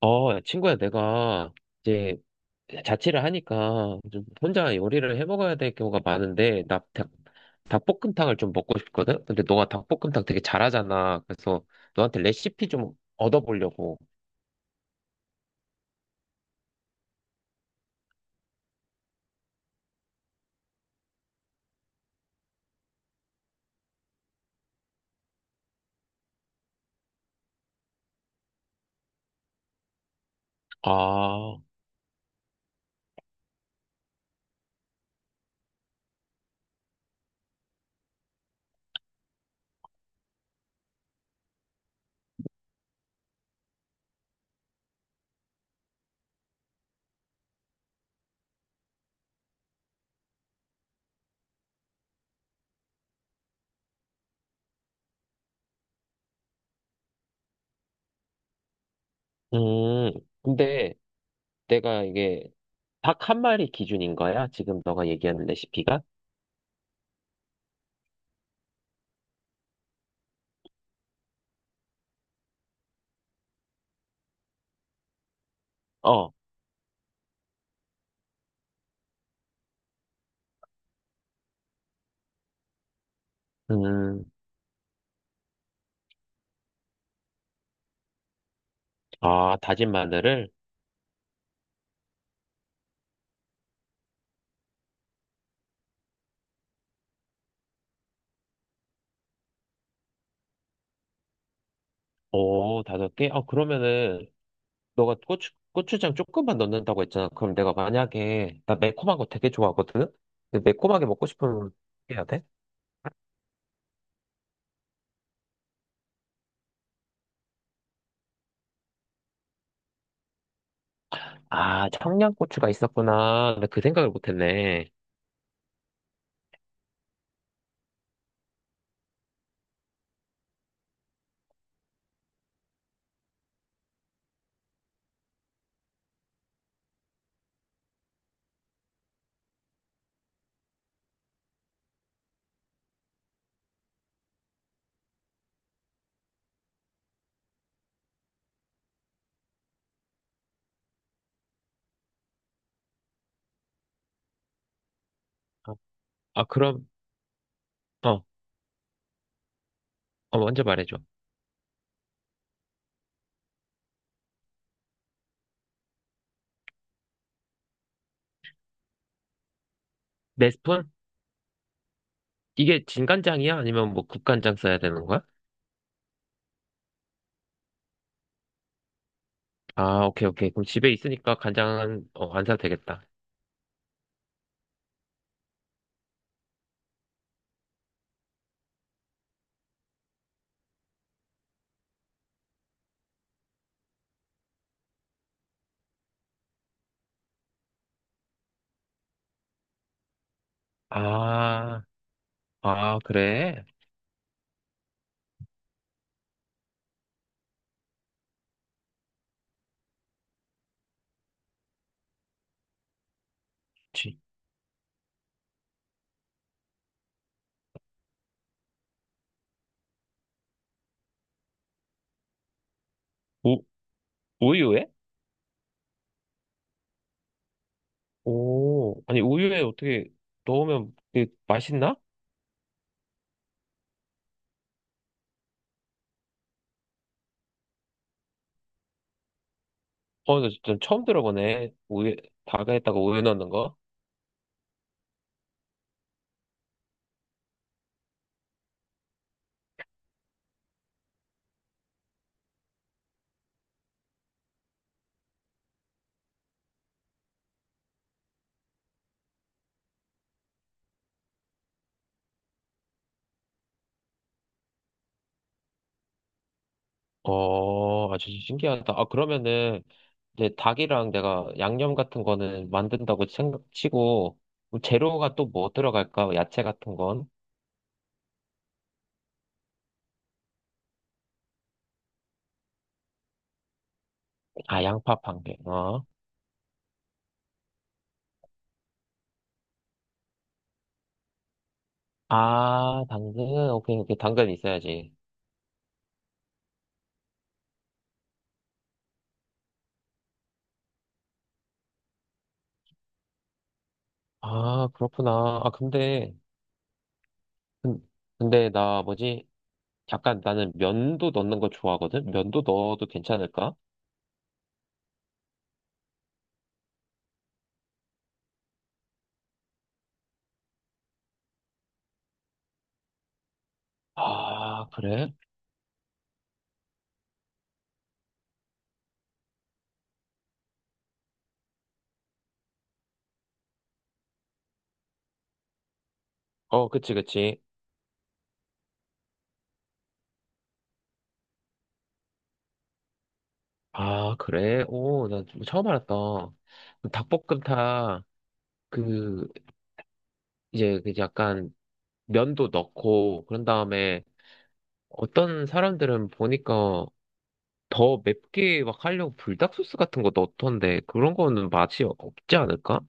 야, 친구야, 내가 이제 자취를 하니까 좀 혼자 요리를 해 먹어야 될 경우가 많은데, 나 닭볶음탕을 좀 먹고 싶거든? 근데 너가 닭볶음탕 되게 잘하잖아. 그래서 너한테 레시피 좀 얻어보려고. 아, 음, 근데 내가 이게 닭 한 마리 기준인 거야? 지금 너가 얘기하는 레시피가? 어, 음, 아, 다진 마늘을? 오, 다섯 개? 아, 그러면은 너가 고추장 조금만 넣는다고 했잖아. 그럼 내가 만약에, 나 매콤한 거 되게 좋아하거든? 근데 매콤하게 먹고 싶으면 어떻게 해야 돼? 아, 청양고추가 있었구나. 나 그 생각을 못했네. 어, 아, 아, 그럼, 어, 먼저 말해줘. 네 스푼? 이게 진간장이야? 아니면 뭐 국간장 써야 되는 거야? 아, 오케이, 오케이. 그럼 집에 있으니까 간장은, 안 사도 되겠다. 아, 아, 그래? 지- 우, 우유에? 오, 아니, 우유에 어떻게 넣으면 그게 맛있나? 어, 나 진짜 처음 들어보네. 우유, 닭에다가 우유 넣는 거? 어, 아주 신기하다. 아, 그러면은, 이제 닭이랑 내가 양념 같은 거는 만든다고 생각 치고, 그럼 재료가 또 뭐 들어갈까? 야채 같은 건? 아, 양파 한 개. 아, 당근. 오케이, 오케이. 당근 있어야지. 아, 그렇구나. 아, 근데, 근- 근데 나 뭐지? 약간 나는 면도 넣는 거 좋아하거든? 면도 넣어도 괜찮을까? 아, 그래? 어, 그치, 그치. 아, 그래? 오, 나 뭐 처음 알았다. 그 닭볶음탕, 그, 이제, 그 약간, 면도 넣고, 그런 다음에, 어떤 사람들은 보니까 더 맵게 막 하려고 불닭소스 같은 거 넣던데, 그런 거는 맛이 없지 않을까?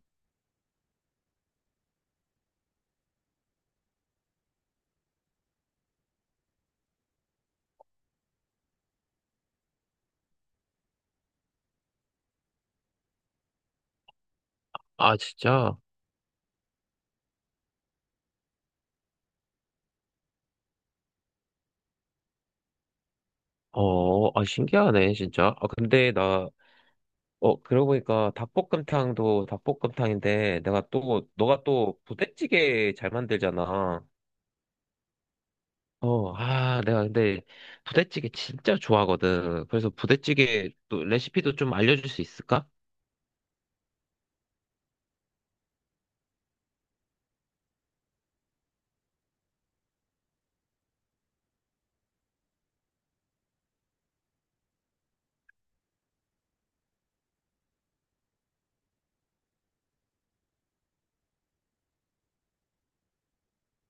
아, 진짜? 아, 신기하네, 진짜. 아, 근데 나, 그러고 보니까 닭볶음탕도 닭볶음탕인데, 내가 또, 너가 또 부대찌개 잘 만들잖아. 아, 내가 근데 부대찌개 진짜 좋아하거든. 그래서 부대찌개 또 레시피도 좀 알려줄 수 있을까?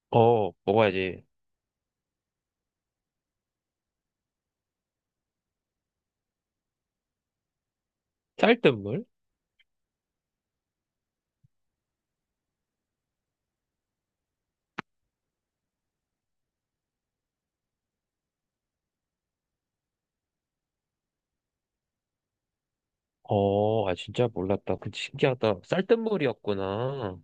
어, 먹어야지. 쌀뜨물? 아, 진짜 몰랐다. 그 신기하다. 쌀뜨물이었구나.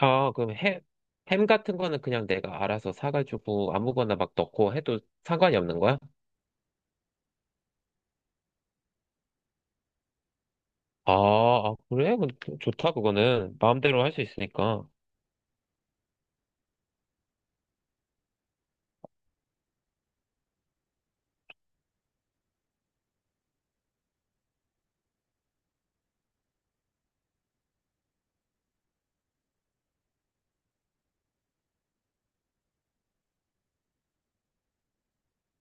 아, 그럼 햄 같은 거는 그냥 내가 알아서 사가지고 아무거나 막 넣고 해도 상관이 없는 거야? 아, 아, 그래? 근데 좋다, 그거는. 마음대로 할 수 있으니까.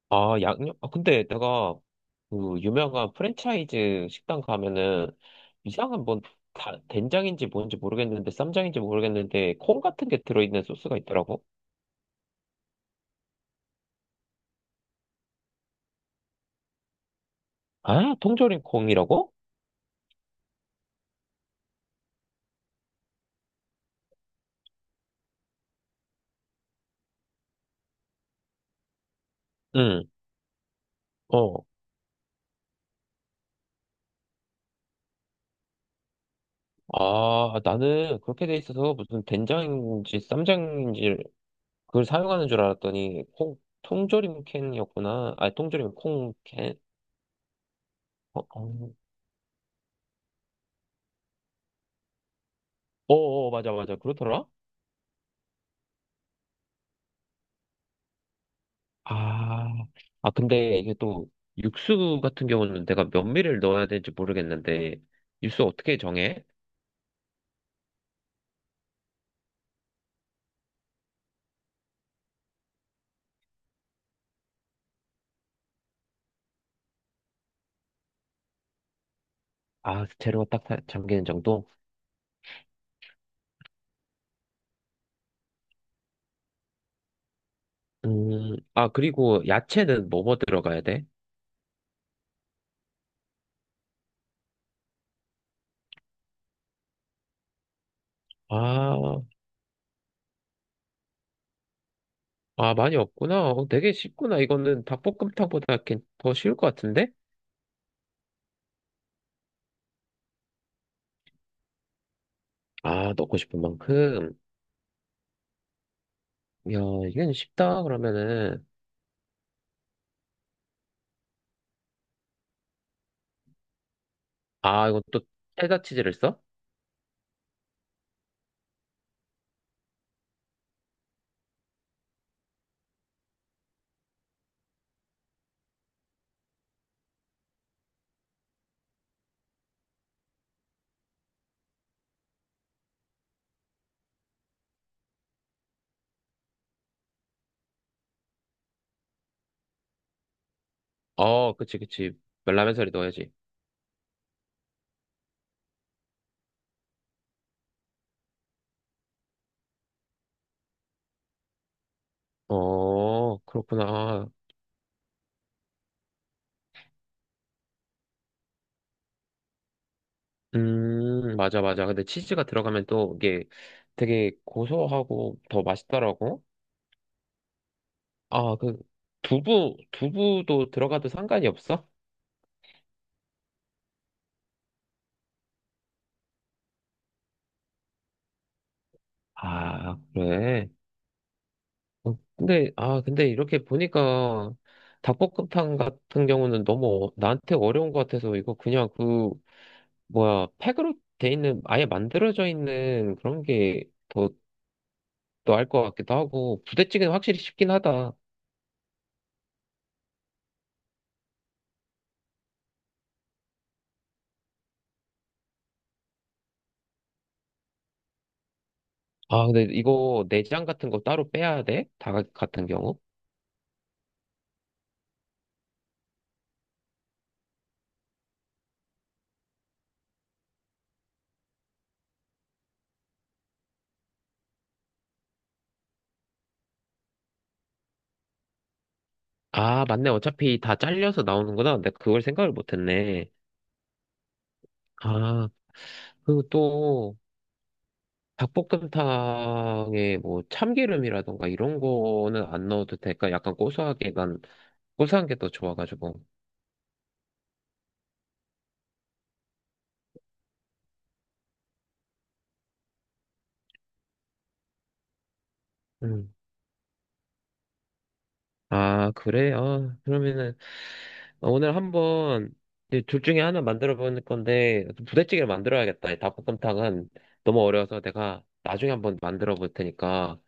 아, 양념? 아, 근데 내가 그 유명한 프랜차이즈 식당 가면은 이상한 뭔 된장인지 뭔지 모르겠는데 쌈장인지 모르겠는데 콩 같은 게 들어있는 소스가 있더라고. 아, 통조림 콩이라고? 응, 어. 아, 나는 그렇게 돼 있어서 무슨 된장인지 쌈장인지 그걸 사용하는 줄 알았더니 콩, 통조림 캔이었구나. 아, 통조림 콩 캔? 어, 어, 어, 어, 맞아, 맞아. 그렇더라? 아, 아, 근데 이게 또 육수 같은 경우는 내가 몇 밀을 넣어야 될지 모르겠는데, 육수 어떻게 정해? 아, 재료가 딱 잠기는 정도? 아, 그리고 야채는 뭐뭐 들어가야 돼? 아, 아, 많이 없구나. 어, 되게 쉽구나. 이거는 닭볶음탕보다 이더 쉬울 것 같은데? 아, 넣고 싶은 만큼. 야, 이건 쉽다. 그러면은, 아, 이건 또 체다치즈를 써? 어, 그치, 그치. 라면 사리 넣어야지. 어, 그렇구나. 맞아, 맞아. 근데 치즈가 들어가면 또 이게 되게 고소하고 더 맛있더라고. 아, 그, 두부도 들어가도 상관이 없어? 아, 그래. 근데, 아, 근데 이렇게 보니까 닭볶음탕 같은 경우는 너무 나한테 어려운 것 같아서 이거 그냥 그, 뭐야, 팩으로 돼 있는, 아예 만들어져 있는 그런 게 더 나을 것 같기도 하고, 부대찌개는 확실히 쉽긴 하다. 아, 근데 이거 내장 같은 거 따로 빼야 돼? 닭 같은 경우? 아, 맞네. 어차피 다 잘려서 나오는구나. 내가 그걸 생각을 못했네. 아, 그리고 또 닭볶음탕에 뭐 참기름이라던가 이런 거는 안 넣어도 될까? 약간 고소하게 난 고소한 게 더 좋아가지고. 음. 아, 그래? 아, 그러면은 오늘 한번 이제 둘 중에 하나 만들어 보는 건데 부대찌개를 만들어야겠다. 이 닭볶음탕은 너무 어려워서 내가 나중에 한번 만들어 볼 테니까.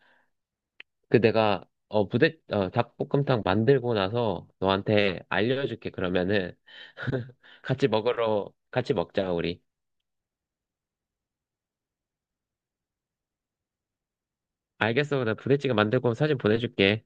그 내가 어 부대 어 닭볶음탕 만들고 나서 너한테 알려줄게, 그러면은 같이 먹자, 우리. 알겠어, 나 부대찌개 만들고 사진 보내줄게.